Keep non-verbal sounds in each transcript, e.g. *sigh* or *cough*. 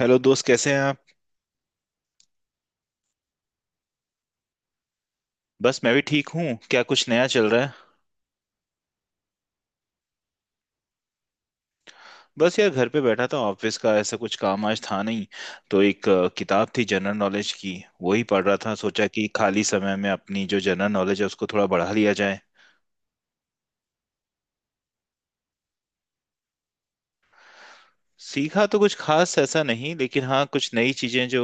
Hello दोस्त, कैसे हैं आप? बस मैं भी ठीक हूँ। क्या कुछ नया चल रहा है? बस यार, घर पे बैठा था। ऑफिस का ऐसा कुछ काम आज था नहीं, तो एक किताब थी जनरल नॉलेज की। वही पढ़ रहा था। सोचा कि खाली समय में अपनी जो जनरल नॉलेज है, उसको थोड़ा बढ़ा लिया जाए। सीखा तो कुछ खास ऐसा नहीं, लेकिन हाँ कुछ नई चीजें जो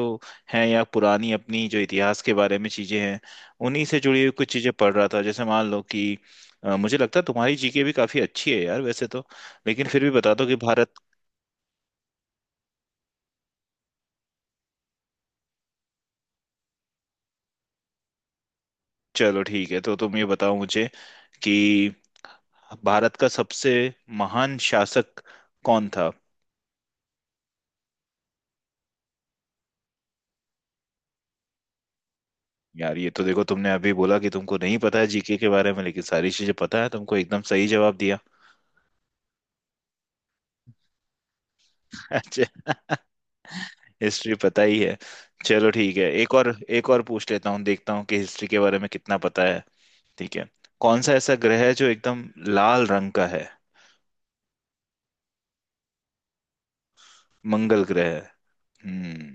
हैं या पुरानी अपनी जो इतिहास के बारे में चीजें हैं, उन्हीं से जुड़ी हुई कुछ चीजें पढ़ रहा था। जैसे मान लो कि मुझे लगता है तुम्हारी जीके भी काफी अच्छी है यार वैसे तो, लेकिन फिर भी बता दो कि भारत। चलो ठीक है, तो तुम ये बताओ मुझे कि भारत का सबसे महान शासक कौन था? यार, ये तो देखो तुमने अभी बोला कि तुमको नहीं पता है जीके के बारे में, लेकिन सारी चीजें पता है तुमको। एकदम सही जवाब दिया। *laughs* अच्छा। हिस्ट्री पता ही है। चलो ठीक है, एक और पूछ लेता हूँ। देखता हूँ कि हिस्ट्री के बारे में कितना पता है। ठीक है। कौन सा ऐसा ग्रह है जो एकदम लाल रंग का है? मंगल ग्रह। हम्म।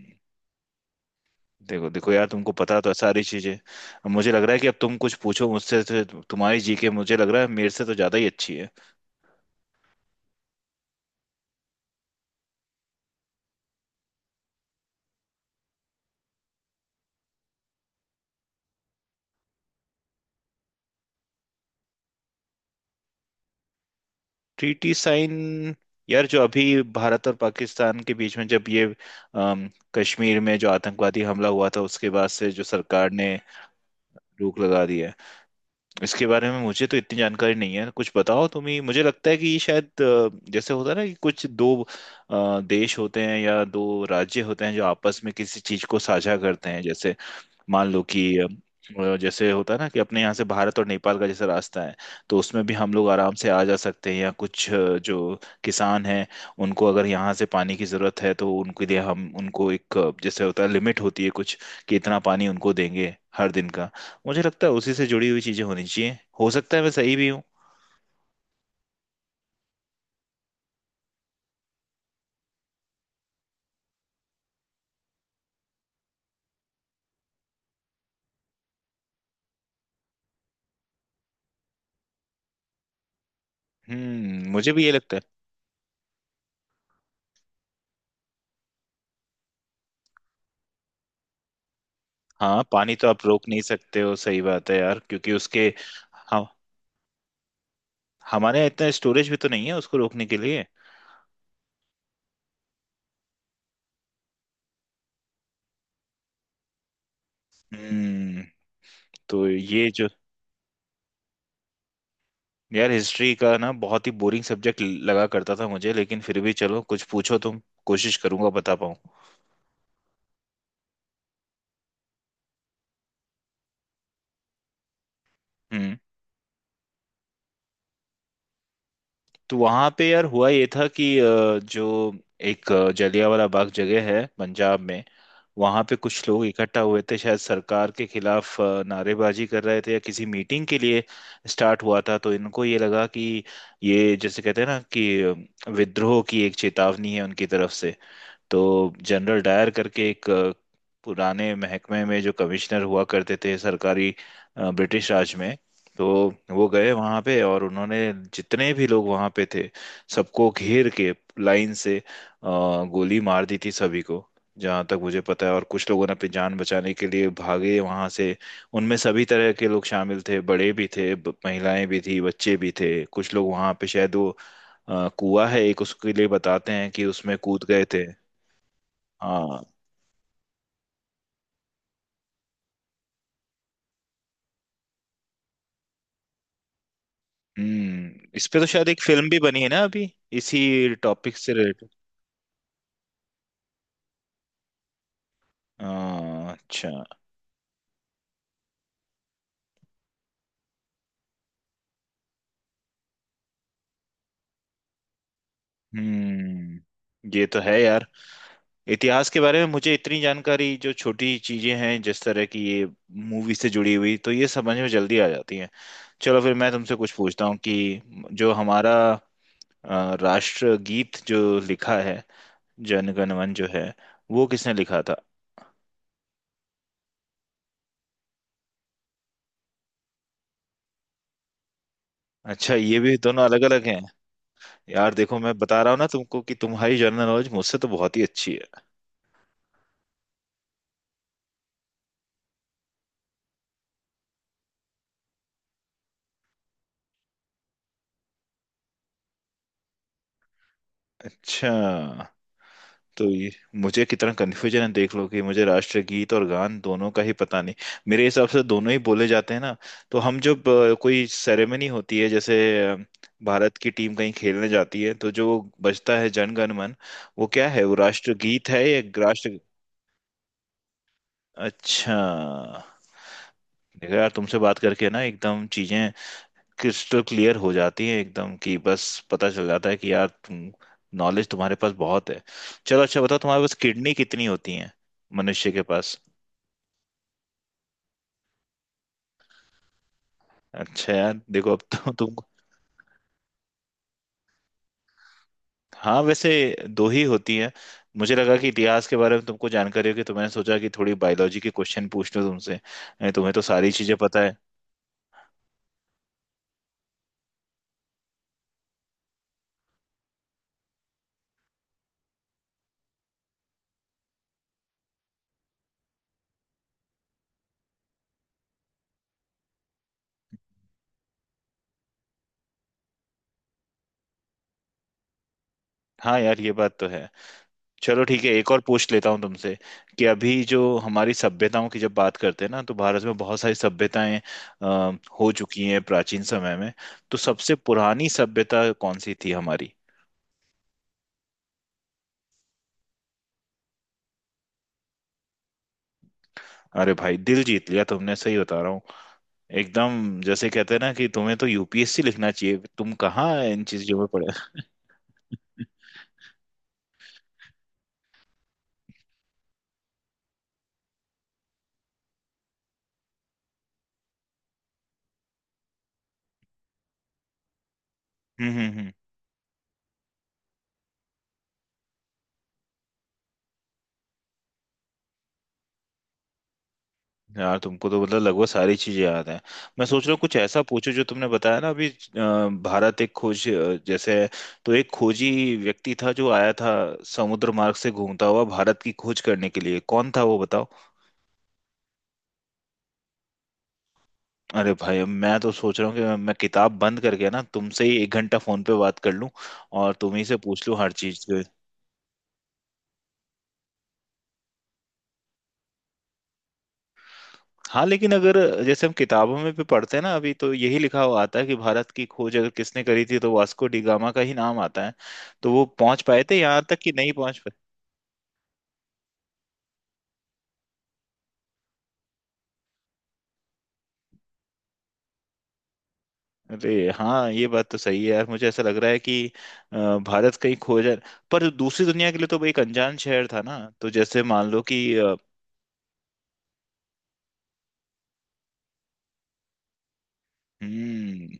देखो देखो यार, तुमको पता तो है सारी चीजें। अब मुझे लग रहा है कि अब तुम कुछ पूछो मुझसे, तो तुम्हारी जीके मुझे लग रहा है मेरे से तो ज्यादा ही अच्छी है। Treaty sign. यार, जो अभी भारत और पाकिस्तान के बीच में जब ये अम, कश्मीर में जो आतंकवादी हमला हुआ था, उसके बाद से जो सरकार ने रोक लगा दी है। इसके बारे में मुझे तो इतनी जानकारी नहीं है, कुछ बताओ तुम ही। मुझे लगता है कि ये शायद जैसे होता है ना कि कुछ दो देश होते हैं या दो राज्य होते हैं, जो आपस में किसी चीज को साझा करते हैं। जैसे मान लो कि जैसे होता है ना कि अपने यहाँ से भारत और नेपाल का जैसे रास्ता है। तो उसमें भी हम लोग आराम से आ जा सकते हैं, या कुछ जो किसान हैं, उनको अगर यहाँ से पानी की ज़रूरत है, तो उनके लिए हम उनको एक जैसे होता है लिमिट होती है कुछ, कि इतना पानी उनको देंगे हर दिन का। मुझे लगता है उसी से जुड़ी हुई चीज़ें होनी चाहिए। हो सकता है मैं सही भी हूँ। मुझे भी ये लगता है। हाँ, पानी तो आप रोक नहीं सकते हो, सही बात है यार, क्योंकि उसके हम हमारे यहाँ इतना स्टोरेज भी तो नहीं है उसको रोकने के लिए। हम्म तो ये जो। यार, हिस्ट्री का ना बहुत ही बोरिंग सब्जेक्ट लगा करता था मुझे, लेकिन फिर भी चलो कुछ पूछो तुम। कोशिश करूंगा बता पाऊं। हम्म तो वहां पे यार हुआ ये था कि जो एक जलियांवाला बाग जगह है पंजाब में। वहां पे कुछ लोग इकट्ठा हुए थे, शायद सरकार के खिलाफ नारेबाजी कर रहे थे या किसी मीटिंग के लिए। स्टार्ट हुआ था, तो इनको ये लगा कि ये जैसे कहते हैं ना कि विद्रोह की एक चेतावनी है उनकी तरफ से। तो जनरल डायर करके एक पुराने महकमे में जो कमिश्नर हुआ करते थे सरकारी, ब्रिटिश राज में। तो वो गए वहाँ पे और उन्होंने, जितने भी लोग वहाँ पे थे, सबको घेर के लाइन से गोली मार दी थी सभी को, जहाँ तक मुझे पता है। और कुछ लोगों ने अपनी जान बचाने के लिए भागे वहाँ से। उनमें सभी तरह के लोग शामिल थे, बड़े भी थे, महिलाएं भी थी, बच्चे भी थे। कुछ लोग वहाँ पे शायद वो कुआं है एक, उसके लिए बताते हैं कि उसमें कूद गए थे। हाँ। इस पे तो शायद एक फिल्म भी बनी है ना अभी, इसी टॉपिक से रिलेटेड। हाँ, अच्छा। हम्म ये तो है यार। इतिहास के बारे में मुझे इतनी जानकारी, जो छोटी चीजें हैं जिस तरह की ये मूवी से जुड़ी हुई, तो ये समझ में जल्दी आ जाती है। चलो, फिर मैं तुमसे कुछ पूछता हूँ कि जो हमारा राष्ट्रगीत जो लिखा है, जन गण मन जो है, वो किसने लिखा था? अच्छा, ये भी दोनों अलग अलग हैं। यार देखो, मैं बता रहा हूँ ना तुमको कि तुम्हारी जनरल नॉलेज मुझसे तो बहुत ही अच्छी है। अच्छा, तो ये, मुझे कितना कन्फ्यूजन है देख लो कि मुझे राष्ट्रगीत और गान दोनों का ही पता नहीं। मेरे हिसाब से दोनों ही बोले जाते हैं ना? तो हम जब कोई सेरेमनी होती है, जैसे अ, भारत की टीम कहीं खेलने जाती है, तो जो बजता है जन गण मन, वो क्या है? वो राष्ट्रगीत है या? राष्ट्र अच्छा। देखो यार, तुमसे बात करके ना एकदम चीजें क्रिस्टल क्लियर हो जाती है एकदम। कि बस पता चल जाता है कि यार तुम, नॉलेज तुम्हारे पास बहुत है। चलो, अच्छा बताओ, तुम्हारे पास किडनी कितनी होती हैं, मनुष्य के पास? अच्छा यार देखो, अब तो तुम। हाँ वैसे, दो ही होती हैं। मुझे लगा कि इतिहास के बारे में तुमको जानकारी होगी, तो मैंने सोचा कि थोड़ी बायोलॉजी के क्वेश्चन पूछ लूं तुमसे। नहीं, तुम्हें तो सारी चीजें पता है। हाँ यार, ये बात तो है। चलो ठीक है, एक और पूछ लेता हूँ तुमसे, कि अभी जो हमारी सभ्यताओं की जब बात करते हैं ना, तो भारत में बहुत सारी सभ्यताएं अ, हो चुकी हैं प्राचीन समय में। तो सबसे पुरानी सभ्यता कौन सी थी हमारी? अरे भाई, दिल जीत लिया तुमने, सही बता रहा हूँ। एकदम जैसे कहते हैं ना कि तुम्हें तो यूपीएससी लिखना चाहिए, तुम कहाँ इन चीजों में पड़े। *laughs* हम्म, हम्म, हम्म। यार तुमको तो मतलब लगभग सारी चीजें याद हैं। मैं सोच रहा हूँ कुछ ऐसा पूछो, जो तुमने बताया ना अभी भारत एक खोज, जैसे है। तो एक खोजी व्यक्ति था जो आया था समुद्र मार्ग से घूमता हुआ भारत की खोज करने के लिए, कौन था वो बताओ? अरे भाई, अब मैं तो सोच रहा हूँ कि मैं किताब बंद करके ना तुमसे ही 1 घंटा फोन पे बात कर लूँ। और तुम ही से पूछ लूँ हर चीज। हाँ, लेकिन अगर, जैसे हम किताबों में भी पढ़ते हैं ना अभी, तो यही लिखा हुआ आता है कि भारत की खोज अगर किसने करी थी तो वास्को डी गामा का ही नाम आता है। तो वो पहुंच पाए थे यहाँ तक कि नहीं पहुंच पाए? अरे हाँ, ये बात तो सही है यार। मुझे ऐसा लग रहा है कि अ, भारत कहीं खोज है, पर दूसरी दुनिया के लिए तो वो एक अनजान शहर था ना। तो जैसे मान लो कि हम्म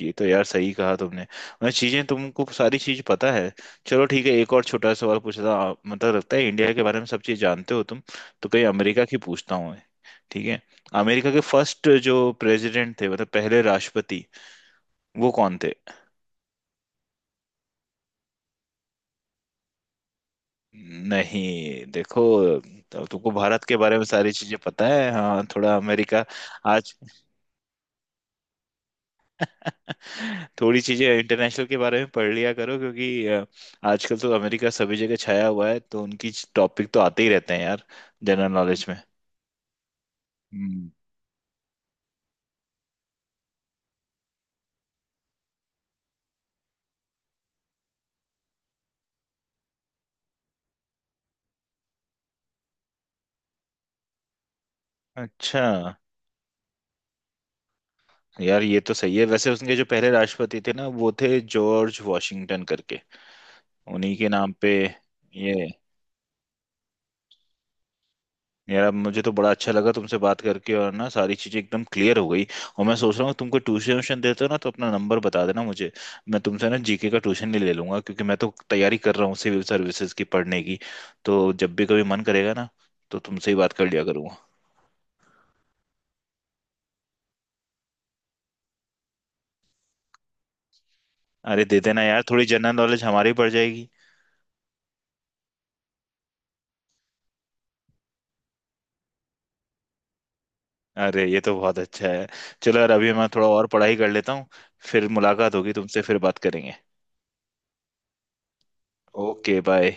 ये तो यार, सही कहा तुमने, मतलब चीजें तुमको, सारी चीज पता है। चलो ठीक है, एक और छोटा सा सवाल पूछता हूँ। मतलब लगता है इंडिया के बारे में सब चीज जानते हो तुम। तो कहीं अमेरिका की पूछता हूँ मैं। ठीक है। अमेरिका के फर्स्ट जो प्रेसिडेंट थे, मतलब पहले राष्ट्रपति, वो कौन थे? नहीं, देखो। तो तुमको भारत के बारे में सारी चीजें पता है, हाँ थोड़ा अमेरिका। आज थोड़ी चीजें इंटरनेशनल के बारे में पढ़ लिया करो, क्योंकि आजकल तो अमेरिका सभी जगह छाया हुआ है, तो उनकी टॉपिक तो आते ही रहते हैं यार, जनरल नॉलेज में। हम्म। अच्छा यार, ये तो सही है। वैसे उसके जो पहले राष्ट्रपति थे ना, वो थे जॉर्ज वॉशिंगटन करके। उन्हीं के नाम पे। ये। यार, अब मुझे तो बड़ा अच्छा लगा तुमसे बात करके, और ना सारी चीजें एकदम क्लियर हो गई। और मैं सोच रहा हूँ तुमको, ट्यूशन व्यूशन देते हो ना, तो अपना नंबर बता देना मुझे। मैं तुमसे ना जीके का ट्यूशन ही ले लूंगा, क्योंकि मैं तो तैयारी कर रहा हूँ सिविल सर्विसेज की पढ़ने की। तो जब भी कभी मन करेगा ना, तो तुमसे ही बात कर लिया करूंगा। अरे दे देना यार, थोड़ी जनरल नॉलेज हमारी बढ़ जाएगी। अरे ये तो बहुत अच्छा है। चलो यार, अभी मैं थोड़ा और पढ़ाई कर लेता हूँ। फिर मुलाकात होगी तुमसे, फिर बात करेंगे। Okay bye.